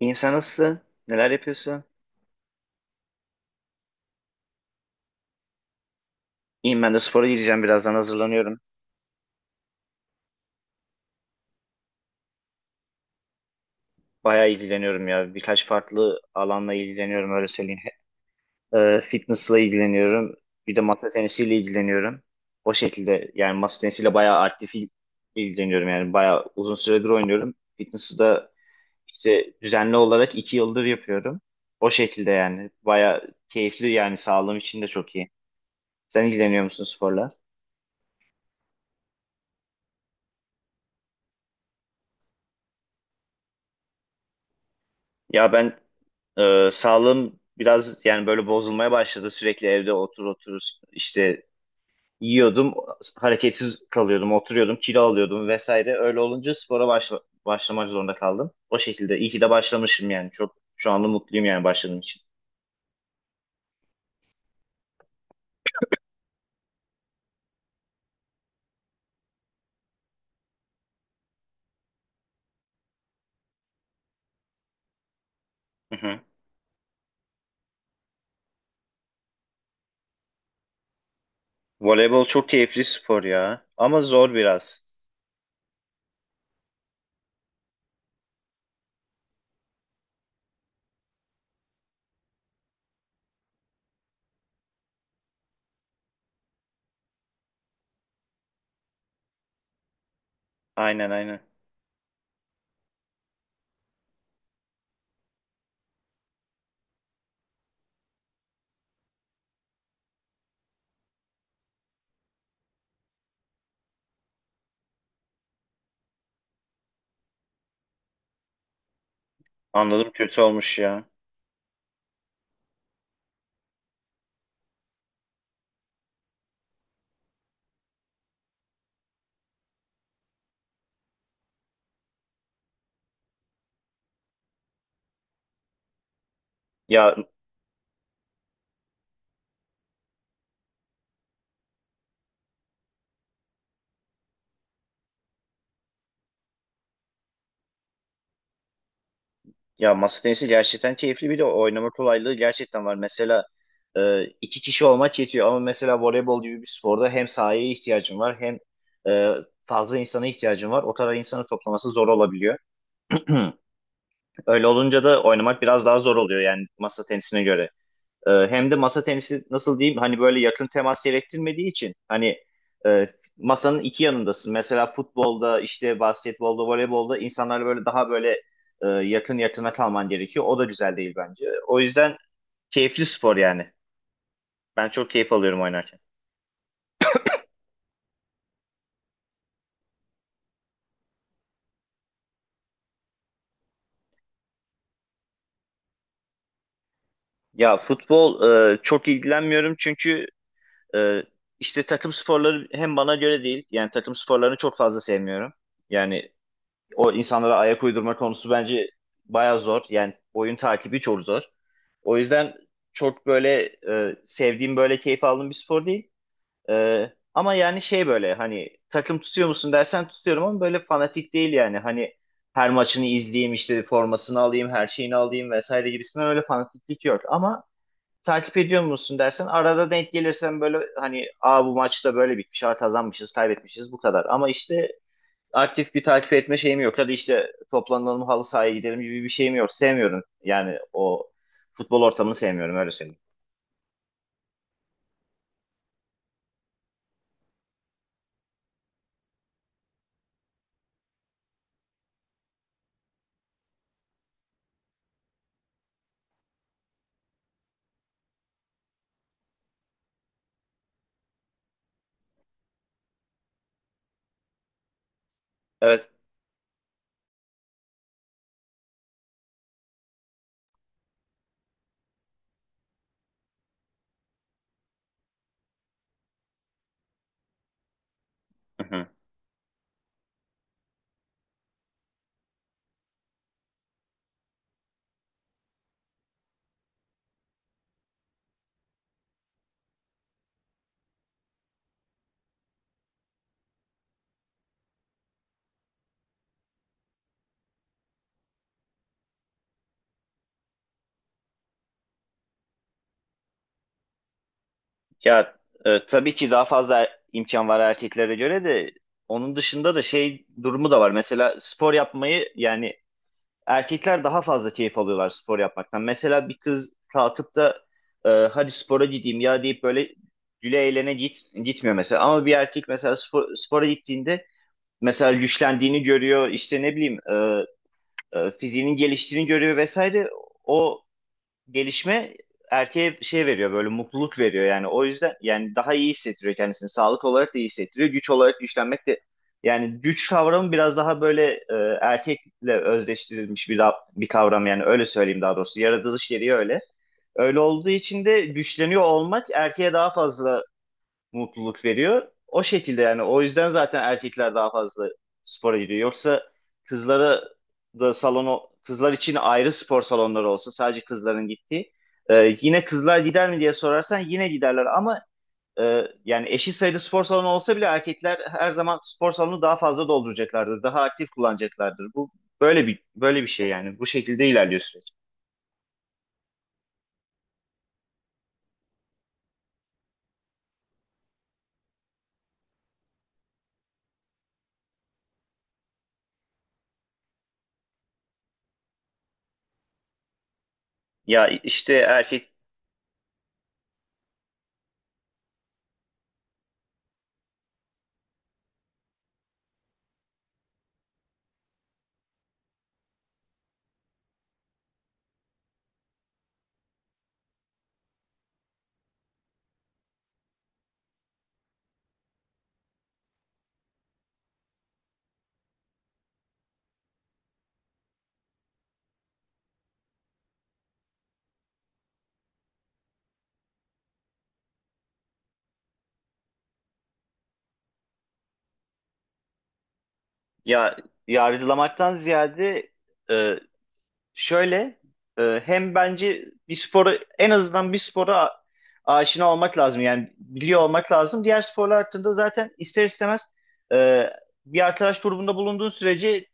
İyiyim sen nasılsın? Neler yapıyorsun? İyiyim ben de spora gideceğim birazdan hazırlanıyorum. Bayağı ilgileniyorum ya. Birkaç farklı alanla ilgileniyorum öyle söyleyeyim. Fitness'la ilgileniyorum. Bir de masa tenisiyle ilgileniyorum. O şekilde yani masa tenisiyle bayağı aktif ilgileniyorum. Yani bayağı uzun süredir oynuyorum. Fitness'ı da işte düzenli olarak 2 yıldır yapıyorum. O şekilde yani. Bayağı keyifli yani sağlığım için de çok iyi. Sen ilgileniyor musun sporla? Ya ben, sağlığım biraz yani böyle bozulmaya başladı. Sürekli evde otur otur işte yiyordum, hareketsiz kalıyordum, oturuyordum, kilo alıyordum vesaire. Öyle olunca spora başlamak zorunda kaldım. O şekilde iyi ki de başlamışım yani. Çok şu anda mutluyum yani başladığım için. Hı hı. Voleybol çok keyifli spor ya. Ama zor biraz. Aynen aynen. Anladım, kötü olmuş ya. Ya Ya, masa tenisi gerçekten keyifli, bir de oynama kolaylığı gerçekten var. Mesela iki kişi olmak yetiyor, ama mesela voleybol gibi bir sporda hem sahaya ihtiyacın var, hem e, fazla insana ihtiyacın var. O kadar insanı toplaması zor olabiliyor. Öyle olunca da oynamak biraz daha zor oluyor yani masa tenisine göre. Hem de masa tenisi nasıl diyeyim hani böyle yakın temas gerektirmediği için, hani e, masanın iki yanındasın. Mesela futbolda işte, basketbolda, voleybolda insanlarla böyle daha böyle yakın yakına kalman gerekiyor. O da güzel değil bence. O yüzden keyifli spor yani. Ben çok keyif alıyorum oynarken. Ya, futbol çok ilgilenmiyorum, çünkü e, işte takım sporları hem bana göre değil. Yani takım sporlarını çok fazla sevmiyorum. Yani o insanlara ayak uydurma konusu bence bayağı zor. Yani oyun takibi çok zor. O yüzden çok böyle sevdiğim, böyle keyif aldığım bir spor değil. E, ama yani şey, böyle hani takım tutuyor musun dersen tutuyorum ama böyle fanatik değil yani. Hani her maçını izleyeyim, işte formasını alayım, her şeyini alayım vesaire gibisinden öyle fanatiklik yok. Ama takip ediyor musun dersen arada denk gelirsen böyle hani, aa bu maçta böyle bitmiş, aa kazanmışız, kaybetmişiz, bu kadar. Ama işte aktif bir takip etme şeyim yok. Hadi işte toplanalım halı sahaya gidelim gibi bir şeyim yok. Sevmiyorum. Yani o futbol ortamını sevmiyorum öyle söyleyeyim. Evet. Hı hı. Ya, tabii ki daha fazla imkan var erkeklere göre, de onun dışında da şey durumu da var. Mesela spor yapmayı yani erkekler daha fazla keyif alıyorlar spor yapmaktan. Mesela bir kız kalkıp da hadi spora gideyim ya deyip böyle güle eğlene git, gitmiyor mesela. Ama bir erkek mesela spora gittiğinde mesela güçlendiğini görüyor, işte ne bileyim, fiziğinin geliştiğini görüyor vesaire. O gelişme erkeğe şey veriyor, böyle mutluluk veriyor yani. O yüzden yani daha iyi hissettiriyor kendisini, sağlık olarak da iyi hissettiriyor, güç olarak güçlenmek de yani, güç kavramı biraz daha böyle erkekle özdeştirilmiş bir kavram yani, öyle söyleyeyim. Daha doğrusu yaratılış gereği öyle. Öyle olduğu için de güçleniyor olmak erkeğe daha fazla mutluluk veriyor. O şekilde yani, o yüzden zaten erkekler daha fazla spora gidiyor. Yoksa kızlara da, salonu kızlar için ayrı spor salonları olsa, sadece kızların gittiği, yine kızlar gider mi diye sorarsan yine giderler, ama yani eşit sayıda spor salonu olsa bile erkekler her zaman spor salonunu daha fazla dolduracaklardır. Daha aktif kullanacaklardır. Bu böyle bir şey yani. Bu şekilde ilerliyor süreç. Ya işte erkek. Ya, yargılamaktan ziyade, e, şöyle, hem bence bir sporu en azından, bir aşina olmak lazım. Yani biliyor olmak lazım. Diğer sporlar hakkında zaten ister istemez, e, bir arkadaş grubunda bulunduğun sürece,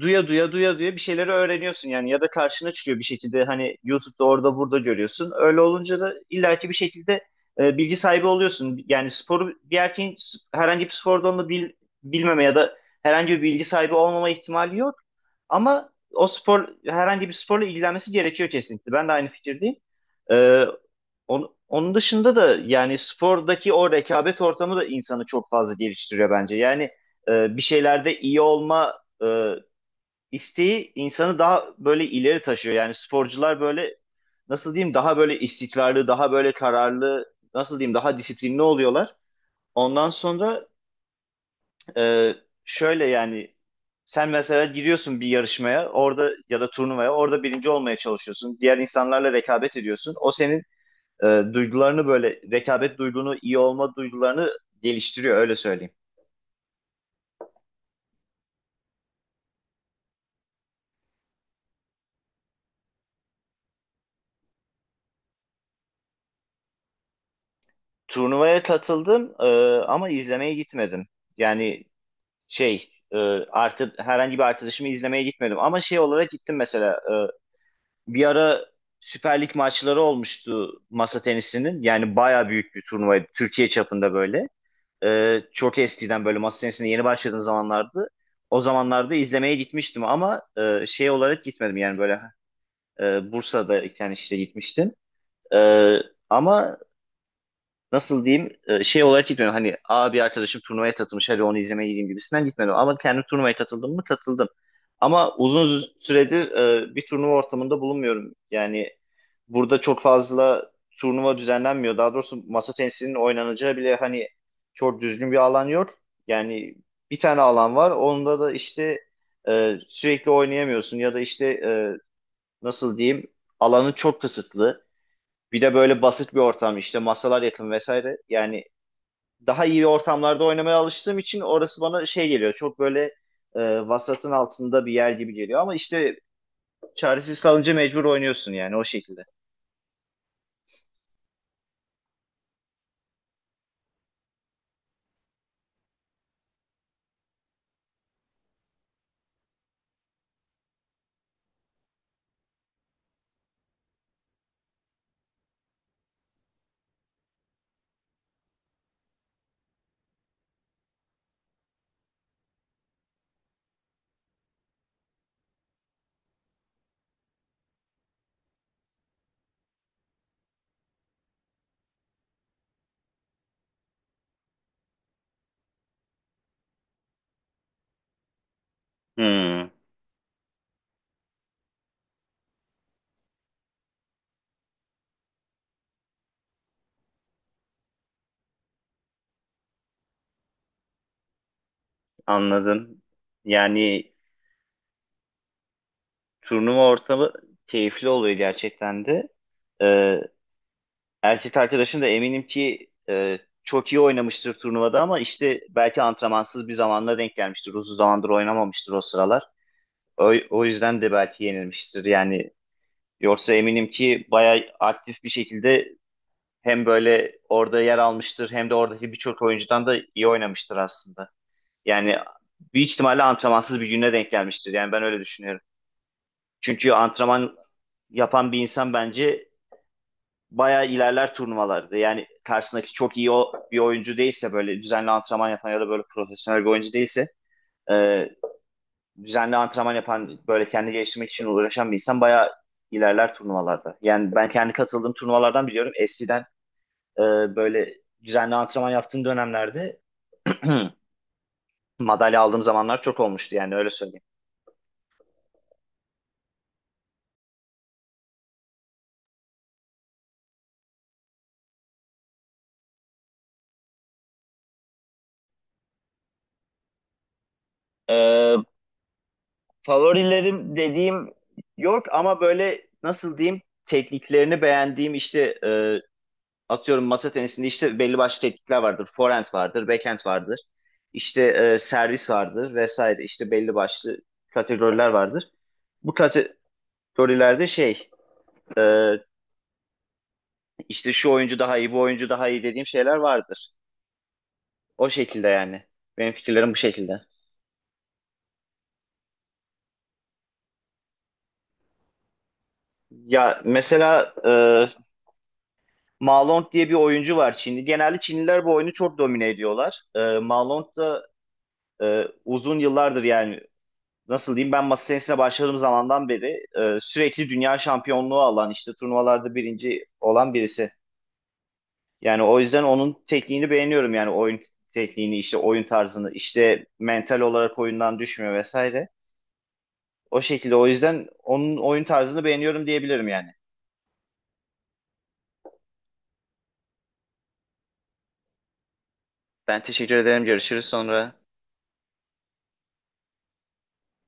duya duya duya duya bir şeyleri öğreniyorsun yani, ya da karşına çıkıyor bir şekilde hani, YouTube'da orada burada görüyorsun. Öyle olunca da illaki bir şekilde bilgi sahibi oluyorsun. Yani sporu, bir erkeğin herhangi bir spor bilmeme ya da herhangi bir bilgi sahibi olmama ihtimali yok. Ama o, spor herhangi bir sporla ilgilenmesi gerekiyor kesinlikle. Ben de aynı fikirdeyim. E, onun dışında da yani, spordaki o rekabet ortamı da insanı çok fazla geliştiriyor bence. Yani bir şeylerde iyi olma e, isteği insanı daha böyle ileri taşıyor. Yani sporcular böyle nasıl diyeyim, daha böyle istikrarlı, daha böyle kararlı, nasıl diyeyim, daha disiplinli oluyorlar. Ondan sonra e, şöyle yani, sen mesela giriyorsun bir yarışmaya, orada, ya da turnuvaya, orada birinci olmaya çalışıyorsun. Diğer insanlarla rekabet ediyorsun. O senin e, duygularını, böyle rekabet duygunu, iyi olma duygularını geliştiriyor öyle söyleyeyim. Turnuvaya katıldım, ama izlemeye gitmedim. Yani şey, artı, herhangi bir arkadaşımı izlemeye gitmedim, ama şey olarak gittim mesela. Bir ara Süper Lig maçları olmuştu masa tenisinin, yani baya büyük bir turnuvaydı Türkiye çapında böyle. Çok eskiden, böyle masa tenisine yeni başladığım zamanlardı, o zamanlarda izlemeye gitmiştim, ama şey olarak gitmedim yani, böyle Bursa'da iken işte gitmiştim. E, ama nasıl diyeyim, şey olarak gitmedim. Hani, aa bir arkadaşım turnuvaya katılmış, hadi onu izlemeye gideyim gibisinden gitmedim. Ama kendim turnuvaya katıldım mı, katıldım. Ama uzun süredir bir turnuva ortamında bulunmuyorum. Yani burada çok fazla turnuva düzenlenmiyor. Daha doğrusu masa tenisinin oynanacağı bile hani çok düzgün bir alan yok. Yani bir tane alan var. Onda da işte sürekli oynayamıyorsun, ya da işte, nasıl diyeyim, alanı çok kısıtlı. Bir de böyle basit bir ortam, işte masalar yakın vesaire. Yani daha iyi ortamlarda oynamaya alıştığım için orası bana şey geliyor, çok böyle e, vasatın altında bir yer gibi geliyor. Ama işte çaresiz kalınca mecbur oynuyorsun yani, o şekilde. Hmm, anladım. Yani turnuva ortamı keyifli oluyor gerçekten de. E, erkek arkadaşın da eminim ki çok iyi oynamıştır turnuvada, ama işte belki antrenmansız bir zamanla denk gelmiştir. Uzun zamandır oynamamıştır o sıralar. O yüzden de belki yenilmiştir. Yani yoksa eminim ki bayağı aktif bir şekilde hem böyle orada yer almıştır, hem de oradaki birçok oyuncudan da iyi oynamıştır aslında. Yani büyük ihtimalle antrenmansız bir güne denk gelmiştir. Yani ben öyle düşünüyorum. Çünkü antrenman yapan bir insan bence bayağı ilerler turnuvalarda. Yani karşısındaki çok iyi bir oyuncu değilse, böyle düzenli antrenman yapan ya da böyle profesyonel bir oyuncu değilse, e, düzenli antrenman yapan, böyle kendi geliştirmek için uğraşan bir insan bayağı ilerler turnuvalarda. Yani ben kendi katıldığım turnuvalardan biliyorum. Eskiden, Ee, böyle düzenli antrenman yaptığım dönemlerde madalya aldığım zamanlar çok olmuştu yani, öyle söyleyeyim. Ee, favorilerim dediğim yok, ama böyle nasıl diyeyim, tekniklerini beğendiğim, işte atıyorum masa tenisinde işte belli başlı teknikler vardır. Forehand vardır, backhand vardır. İşte servis vardır vesaire, işte belli başlı kategoriler vardır. Bu kategorilerde e, işte şu oyuncu daha iyi, bu oyuncu daha iyi dediğim şeyler vardır. O şekilde yani. Benim fikirlerim bu şekilde. Ya mesela Ma Long diye bir oyuncu var, Çinli. Genelde Çinliler bu oyunu çok domine ediyorlar. Ma Long da uzun yıllardır, yani nasıl diyeyim, ben masa tenisine başladığım zamandan beri sürekli dünya şampiyonluğu alan, işte turnuvalarda birinci olan birisi. Yani o yüzden onun tekniğini beğeniyorum yani, oyun tekniğini, işte oyun tarzını işte, mental olarak oyundan düşmüyor vesaire. O şekilde, o yüzden onun oyun tarzını beğeniyorum diyebilirim yani. Ben teşekkür ederim. Görüşürüz sonra.